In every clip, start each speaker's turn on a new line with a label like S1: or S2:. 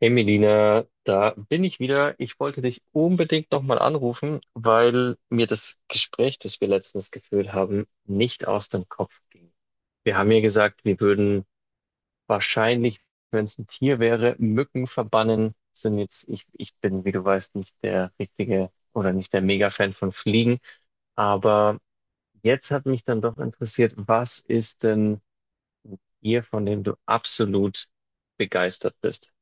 S1: Hey Melina, da bin ich wieder. Ich wollte dich unbedingt nochmal anrufen, weil mir das Gespräch, das wir letztens geführt haben, nicht aus dem Kopf ging. Wir haben ja gesagt, wir würden wahrscheinlich, wenn es ein Tier wäre, Mücken verbannen. Sind jetzt, ich bin, wie du weißt, nicht der richtige oder nicht der Mega-Fan von Fliegen. Aber jetzt hat mich dann doch interessiert, was ist denn ein Tier, von dem du absolut begeistert bist?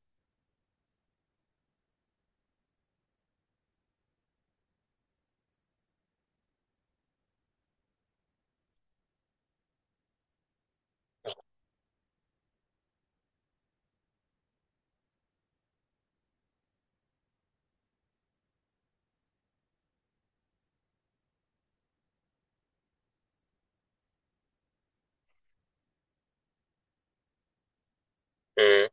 S1: Mhm.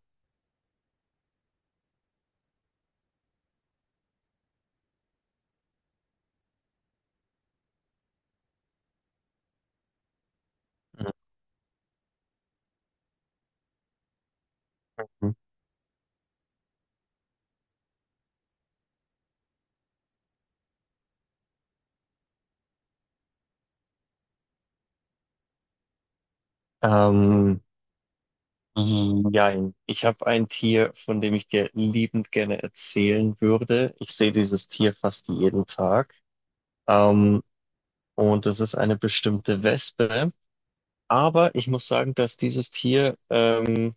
S1: Mhm. Ähm, Nein, ich habe ein Tier, von dem ich dir liebend gerne erzählen würde. Ich sehe dieses Tier fast jeden Tag. Ähm, und es ist eine bestimmte Wespe. Aber ich muss sagen, dass dieses Tier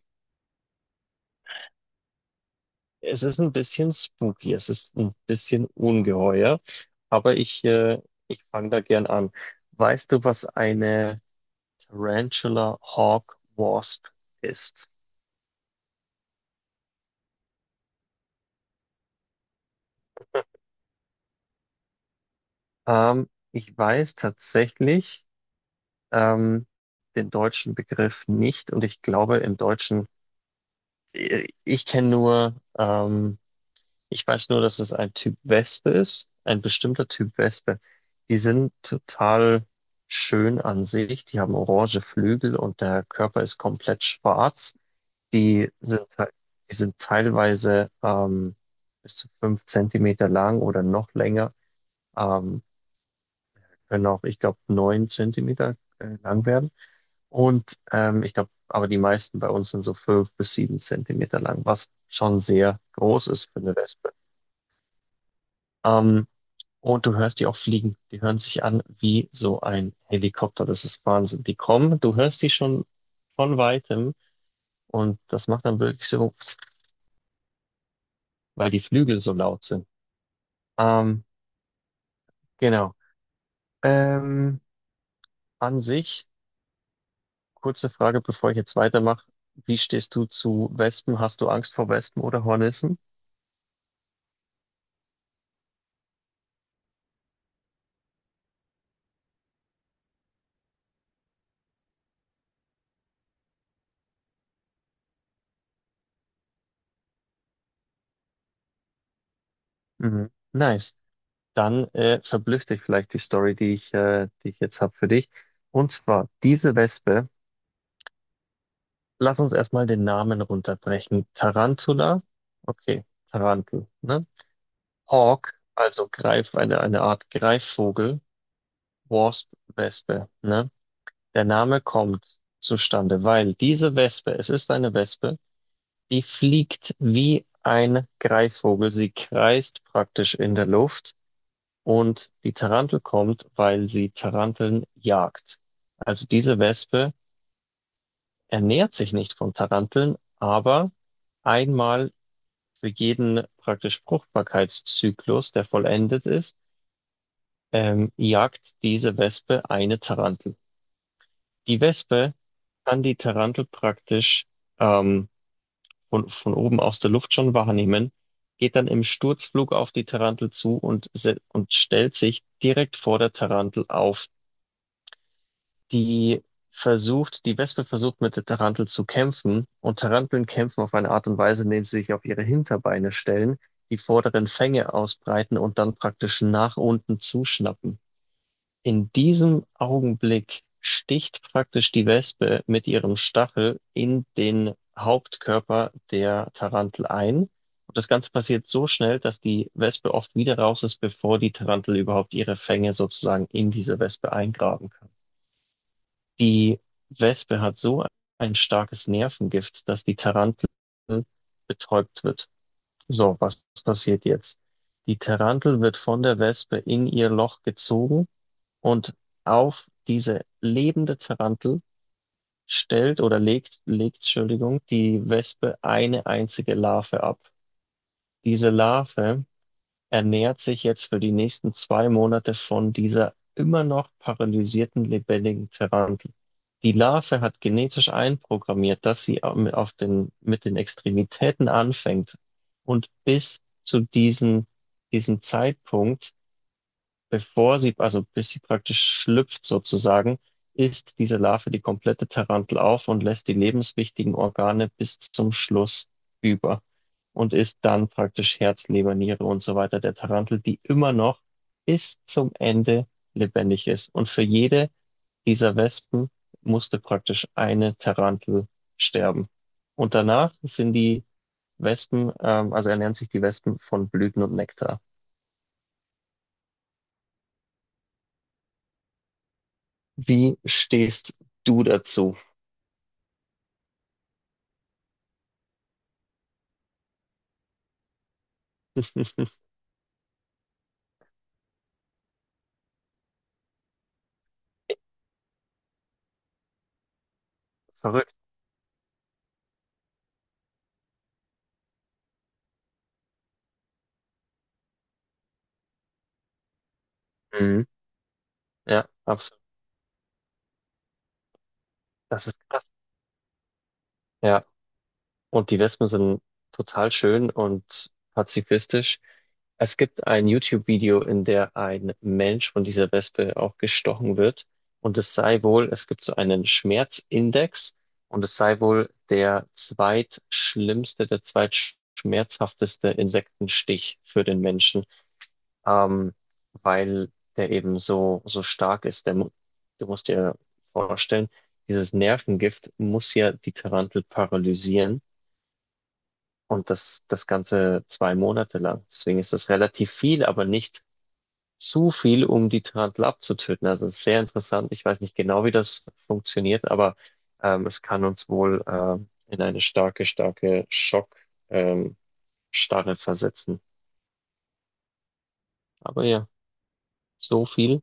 S1: es ist ein bisschen spooky es ist ein bisschen ungeheuer. Aber ich fange da gern an. Weißt du, was eine Tarantula Hawk Wasp ist? Ich weiß tatsächlich. ähm, den deutschen Begriff nicht. Und ich glaube, im Deutschen, ich kenne nur, ich weiß nur, dass es ein Typ Wespe ist, ein bestimmter Typ Wespe. Die sind total schön an sich. Die haben orange Flügel und der Körper ist komplett schwarz. Die sind, te- die sind teilweise bis zu 5 Zentimeter lang oder noch länger. Ähm, Können auch, ich glaube, 9 Zentimeter lang werden. Und ich glaube, aber die meisten bei uns sind so 5 bis 7 Zentimeter lang, was schon sehr groß ist für eine Wespe. Ähm, und du hörst die auch fliegen. Die hören sich an wie so ein Helikopter. Das ist Wahnsinn. Die kommen, du hörst die schon von weitem und das macht dann wirklich so, weil die Flügel so laut sind. Ähm, genau. Ähm, An sich, kurze Frage, bevor ich jetzt weitermache. Wie stehst du zu Wespen? Hast du Angst vor Wespen oder Hornissen? Mhm. Nice. Dann verblüfft dich vielleicht die Story, die ich jetzt habe für dich. Und zwar diese Wespe, lass uns erstmal den Namen runterbrechen. Tarantula, okay, Tarantel, ne? Hawk, also Greif, eine Art Greifvogel. Wasp, Wespe, ne? Der Name kommt zustande, weil diese Wespe, es ist eine Wespe, die fliegt wie ein Greifvogel. Sie kreist praktisch in der Luft. Und die Tarantel kommt, weil sie Taranteln jagt. Also diese Wespe ernährt sich nicht von Taranteln, aber einmal für jeden praktisch Fruchtbarkeitszyklus, der vollendet ist, jagt diese Wespe eine Tarantel. Die Wespe kann die Tarantel praktisch ähm, von oben aus der Luft schon wahrnehmen, geht dann im Sturzflug auf die Tarantel zu und stellt sich direkt vor der Tarantel auf. die die Wespe versucht mit der Tarantel zu kämpfen, und Taranteln kämpfen auf eine Art und Weise, indem sie sich auf ihre Hinterbeine stellen, die vorderen Fänge ausbreiten und dann praktisch nach unten zuschnappen. In diesem Augenblick sticht praktisch die Wespe mit ihrem Stachel in den Hauptkörper der Tarantel ein. Und das Ganze passiert so schnell, dass die Wespe oft wieder raus ist, bevor die Tarantel überhaupt ihre Fänge sozusagen in diese Wespe eingraben kann. Die Wespe hat so ein starkes Nervengift, dass die Tarantel betäubt wird. So, was passiert jetzt? Die Tarantel wird von der Wespe in ihr Loch gezogen, und auf diese lebende Tarantel stellt oder legt, Entschuldigung, die Wespe eine einzige Larve ab. Diese Larve er nähert sich jetzt für die nächsten 2 Monate von dieser immer noch paralysierten lebendigen Tarantel. Die Larve hat genetisch einprogrammiert, dass sie mit den Extremitäten anfängt. Und bis zu diesem Zeitpunkt, bevor sie, also bis sie praktisch schlüpft sozusagen, isst diese Larve die komplette Tarantel auf und lässt die lebenswichtigen Organe bis zum Schluss über und ist dann praktisch Herz, Leber, Niere und so weiter der Tarantel, die immer noch bis zum Ende lebendig ist. Und für jede dieser Wespen musste praktisch eine Tarantel sterben. Und danach also ernähren sich die Wespen von Blüten und Nektar. Wie stehst du dazu? Verrückt. Mhm. Ja, absolut. Das ist krass. Ja. Und die Wespen sind total schön und pazifistisch. Es gibt ein YouTube-Video, in der ein Mensch von dieser Wespe auch gestochen wird. Und es sei wohl, es gibt so einen Schmerzindex, und es sei wohl der zweitschlimmste, der zweitschmerzhafteste Insektenstich für den Menschen. ähm, weil der eben so, so stark ist. Du musst dir vorstellen, dieses Nervengift muss ja die Tarantel paralysieren, und das Ganze 2 Monate lang. Deswegen ist das relativ viel, aber nicht zu viel, um die Tarantel abzutöten. Also es ist sehr interessant. Ich weiß nicht genau, wie das funktioniert, aber es kann uns wohl in eine starke, starke Schock-, ähm, Starre versetzen. Aber ja, so viel.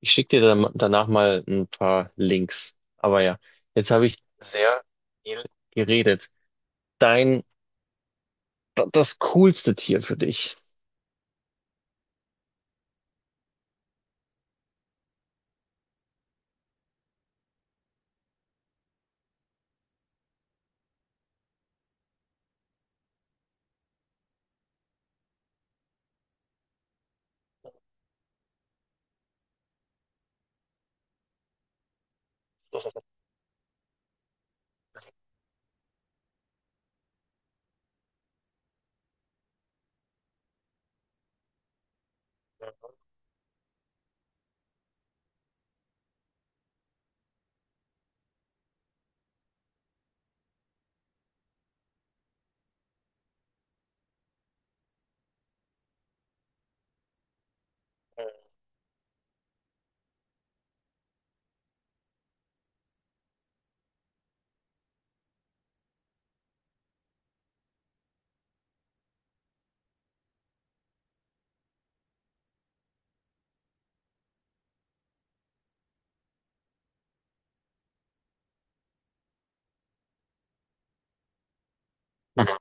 S1: Ich schicke dir dann danach mal ein paar Links. Aber ja, jetzt habe ich sehr viel geredet. Dein, Das coolste Tier für dich. Mhm.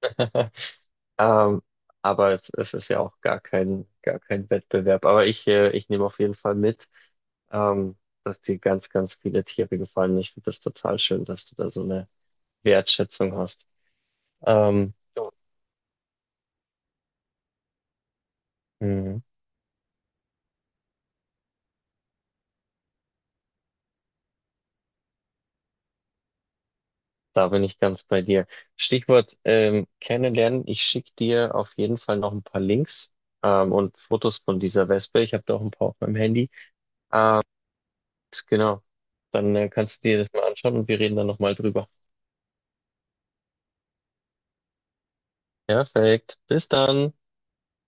S1: Ähm, aber es ist ja auch gar kein Wettbewerb. Aber ich nehme auf jeden Fall mit, ähm, dass dir ganz, ganz viele Tiere gefallen. Ich finde das total schön, dass du da so eine Wertschätzung hast. Ähm, du, Da bin ich ganz bei dir. Stichwort kennenlernen. Ich schicke dir auf jeden Fall noch ein paar Links und Fotos von dieser Wespe. Ich habe da auch ein paar auf meinem Handy. Genau. Dann kannst du dir das mal anschauen, und wir reden dann nochmal drüber. Perfekt. Bis dann.